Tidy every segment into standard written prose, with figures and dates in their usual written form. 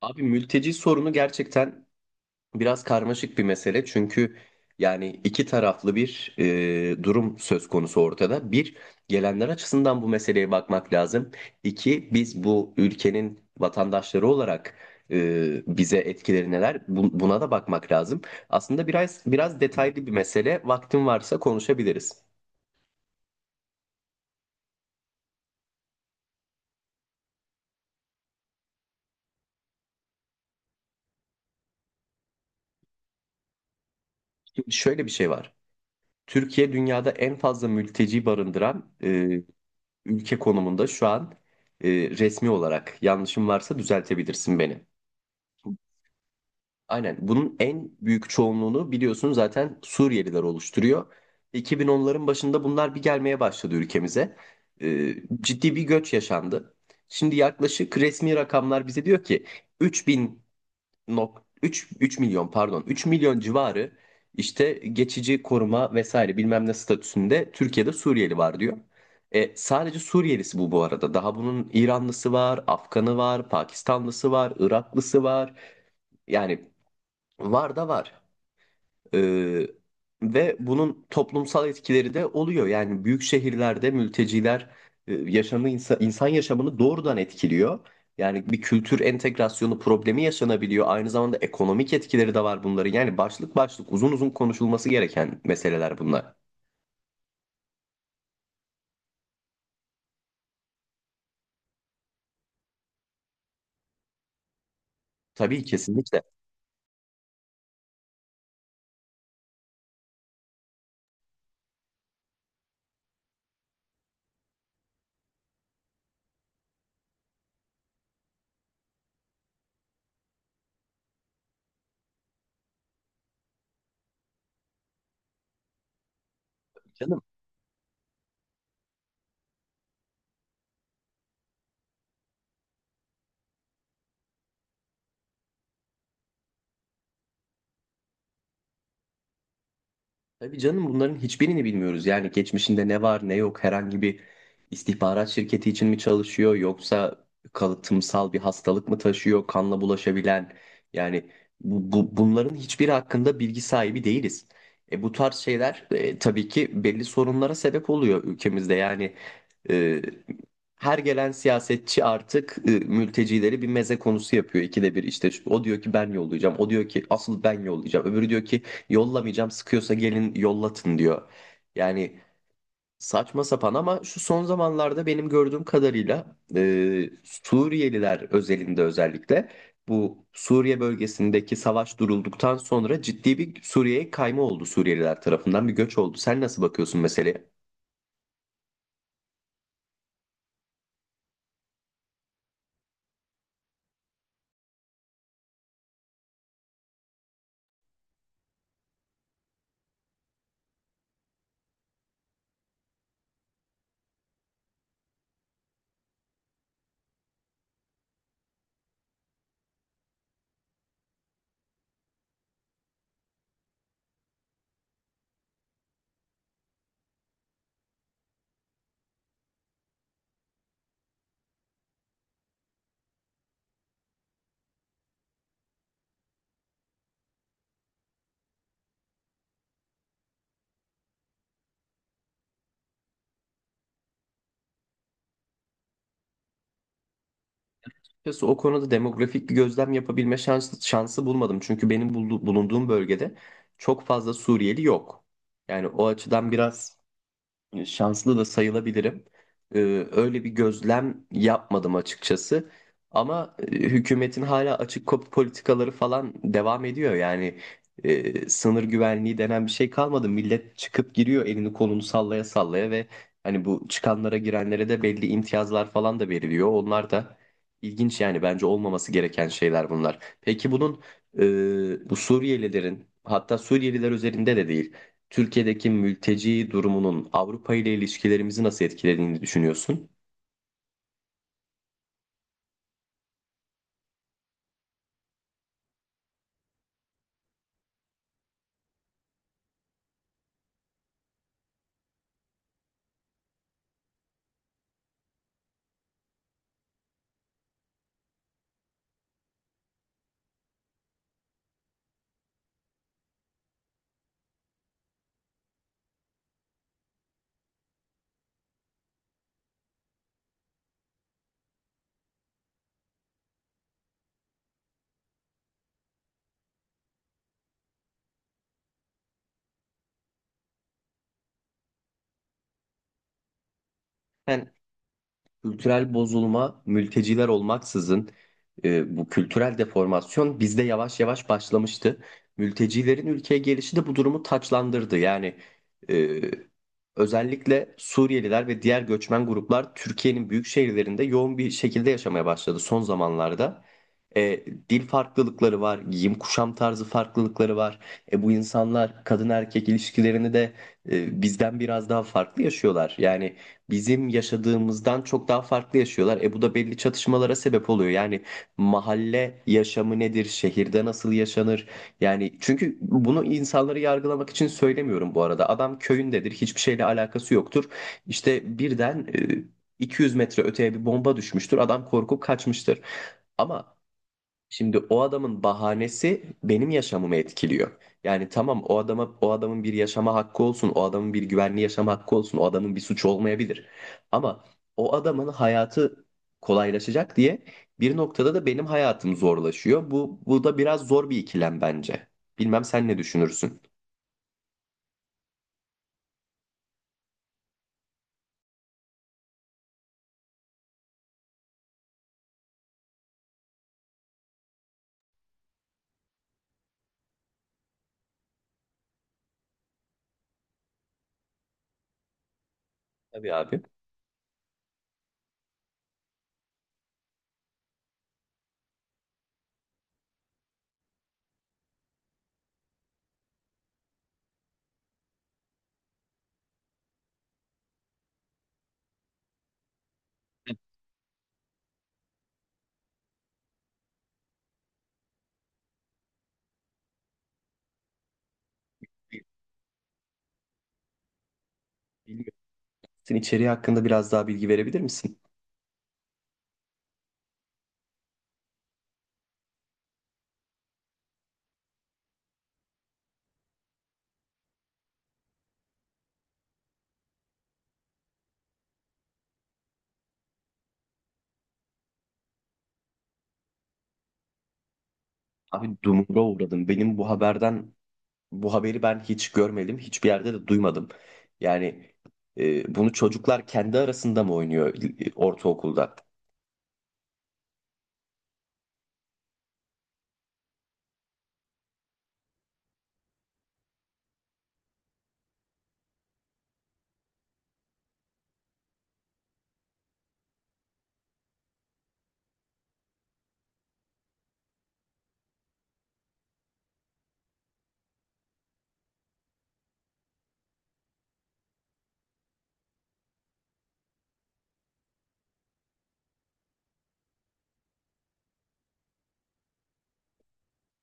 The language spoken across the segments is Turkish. Abi mülteci sorunu gerçekten biraz karmaşık bir mesele. Çünkü yani iki taraflı bir durum söz konusu ortada. Bir, gelenler açısından bu meseleye bakmak lazım. İki, biz bu ülkenin vatandaşları olarak bize etkileri neler? Buna da bakmak lazım. Aslında biraz detaylı bir mesele. Vaktin varsa konuşabiliriz. Şimdi şöyle bir şey var. Türkiye dünyada en fazla mülteci barındıran ülke konumunda şu an resmi olarak yanlışım varsa düzeltebilirsin beni. Aynen. Bunun en büyük çoğunluğunu biliyorsun zaten Suriyeliler oluşturuyor. 2010'ların başında bunlar bir gelmeye başladı ülkemize. Ee, ciddi bir göç yaşandı. Şimdi yaklaşık resmi rakamlar bize diyor ki 3000 3 milyon pardon 3 milyon civarı işte geçici koruma vesaire bilmem ne statüsünde Türkiye'de Suriyeli var diyor. E, sadece Suriyelisi bu, bu arada. Daha bunun İranlısı var, Afganı var, Pakistanlısı var, Iraklısı var. Yani var da var. Ee, ve bunun toplumsal etkileri de oluyor. Yani büyük şehirlerde mülteciler yaşamı insan yaşamını doğrudan etkiliyor. Yani bir kültür entegrasyonu problemi yaşanabiliyor. Aynı zamanda ekonomik etkileri de var bunların. Yani başlık başlık uzun uzun konuşulması gereken meseleler bunlar. Tabii kesinlikle. Tabii canım bunların hiçbirini bilmiyoruz. Yani geçmişinde ne var ne yok herhangi bir istihbarat şirketi için mi çalışıyor yoksa kalıtımsal bir hastalık mı taşıyor kanla bulaşabilen yani bunların hiçbiri hakkında bilgi sahibi değiliz. E, bu tarz şeyler tabii ki belli sorunlara sebep oluyor ülkemizde yani e, her gelen siyasetçi artık mültecileri bir meze konusu yapıyor. İkide bir işte o diyor ki ben yollayacağım. O diyor ki asıl ben yollayacağım. Öbürü diyor ki yollamayacağım, sıkıyorsa gelin yollatın diyor. Yani saçma sapan ama şu son zamanlarda benim gördüğüm kadarıyla Suriyeliler özelinde, özellikle bu Suriye bölgesindeki savaş durulduktan sonra ciddi bir Suriye'ye kayma oldu, Suriyeliler tarafından bir göç oldu. Sen nasıl bakıyorsun meseleye? Açıkçası o konuda demografik bir gözlem yapabilme şansı bulmadım. Çünkü benim bulunduğum bölgede çok fazla Suriyeli yok. Yani o açıdan biraz şanslı da sayılabilirim. Ee, öyle bir gözlem yapmadım açıkçası. Ama hükümetin hala açık kapı politikaları falan devam ediyor. Yani sınır güvenliği denen bir şey kalmadı. Millet çıkıp giriyor elini kolunu sallaya sallaya ve hani bu çıkanlara, girenlere de belli imtiyazlar falan da veriliyor. Onlar da ilginç, yani bence olmaması gereken şeyler bunlar. Peki bunun bu Suriyelilerin, hatta Suriyeliler üzerinde de değil, Türkiye'deki mülteci durumunun Avrupa ile ilişkilerimizi nasıl etkilediğini düşünüyorsun? Ben kültürel bozulma, mülteciler olmaksızın bu kültürel deformasyon bizde yavaş yavaş başlamıştı. Mültecilerin ülkeye gelişi de bu durumu taçlandırdı. Yani e, özellikle Suriyeliler ve diğer göçmen gruplar Türkiye'nin büyük şehirlerinde yoğun bir şekilde yaşamaya başladı son zamanlarda. Dil farklılıkları var, giyim kuşam tarzı farklılıkları var. Bu insanlar kadın erkek ilişkilerini de bizden biraz daha farklı yaşıyorlar. Yani bizim yaşadığımızdan çok daha farklı yaşıyorlar. Bu da belli çatışmalara sebep oluyor. Yani mahalle yaşamı nedir? Şehirde nasıl yaşanır? Yani, çünkü bunu insanları yargılamak için söylemiyorum bu arada. Adam köyündedir, hiçbir şeyle alakası yoktur. İşte birden 200 metre öteye bir bomba düşmüştür. Adam korkup kaçmıştır. Ama. Şimdi o adamın bahanesi benim yaşamımı etkiliyor. Yani tamam, o adama, o adamın bir yaşama hakkı olsun, o adamın bir güvenli yaşama hakkı olsun, o adamın bir suçu olmayabilir. Ama o adamın hayatı kolaylaşacak diye bir noktada da benim hayatım zorlaşıyor. Bu da biraz zor bir ikilem bence. Bilmem sen ne düşünürsün? Tabii abi. Bilmiyorum. Sen içeriği hakkında biraz daha bilgi verebilir misin? Abi dumura uğradım. Benim bu haberden Bu haberi ben hiç görmedim, hiçbir yerde de duymadım. Yani bunu çocuklar kendi arasında mı oynuyor ortaokulda?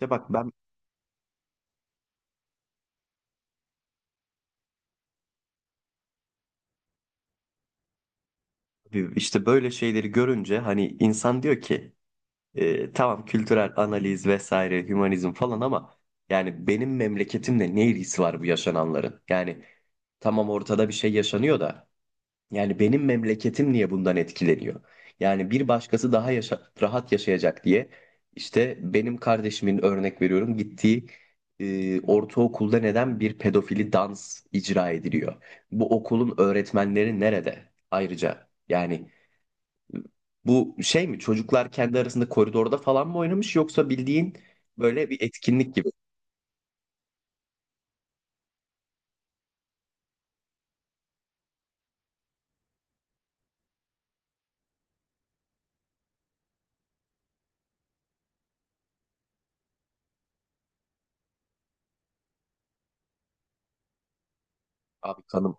De bak ben işte böyle şeyleri görünce hani insan diyor ki tamam, kültürel analiz vesaire, hümanizm falan, ama yani benim memleketimle ne ilgisi var bu yaşananların? Yani tamam, ortada bir şey yaşanıyor da. Yani benim memleketim niye bundan etkileniyor? Yani bir başkası daha rahat yaşayacak diye, işte benim kardeşimin, örnek veriyorum, gittiği ortaokulda neden bir pedofili dans icra ediliyor? Bu okulun öğretmenleri nerede? Ayrıca yani bu şey mi, çocuklar kendi arasında koridorda falan mı oynamış yoksa bildiğin böyle bir etkinlik gibi? Abi kanım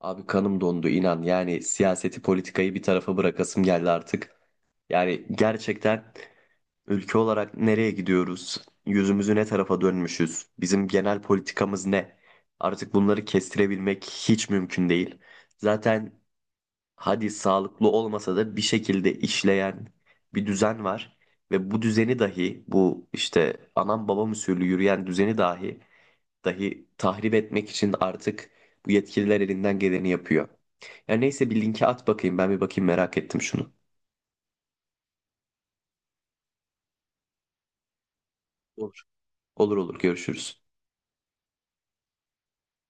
Abi kanım dondu inan. Yani siyaseti, politikayı bir tarafa bırakasım geldi artık. Yani gerçekten ülke olarak nereye gidiyoruz? Yüzümüzü ne tarafa dönmüşüz? Bizim genel politikamız ne? Artık bunları kestirebilmek hiç mümkün değil. Zaten, hadi sağlıklı olmasa da bir şekilde işleyen bir düzen var ve bu düzeni dahi, bu işte anam babam usulü yürüyen düzeni dahi tahrip etmek için artık bu yetkililer elinden geleni yapıyor. Ya neyse, bir linki at bakayım, ben bir bakayım, merak ettim şunu. Olur. Olur, olur, görüşürüz.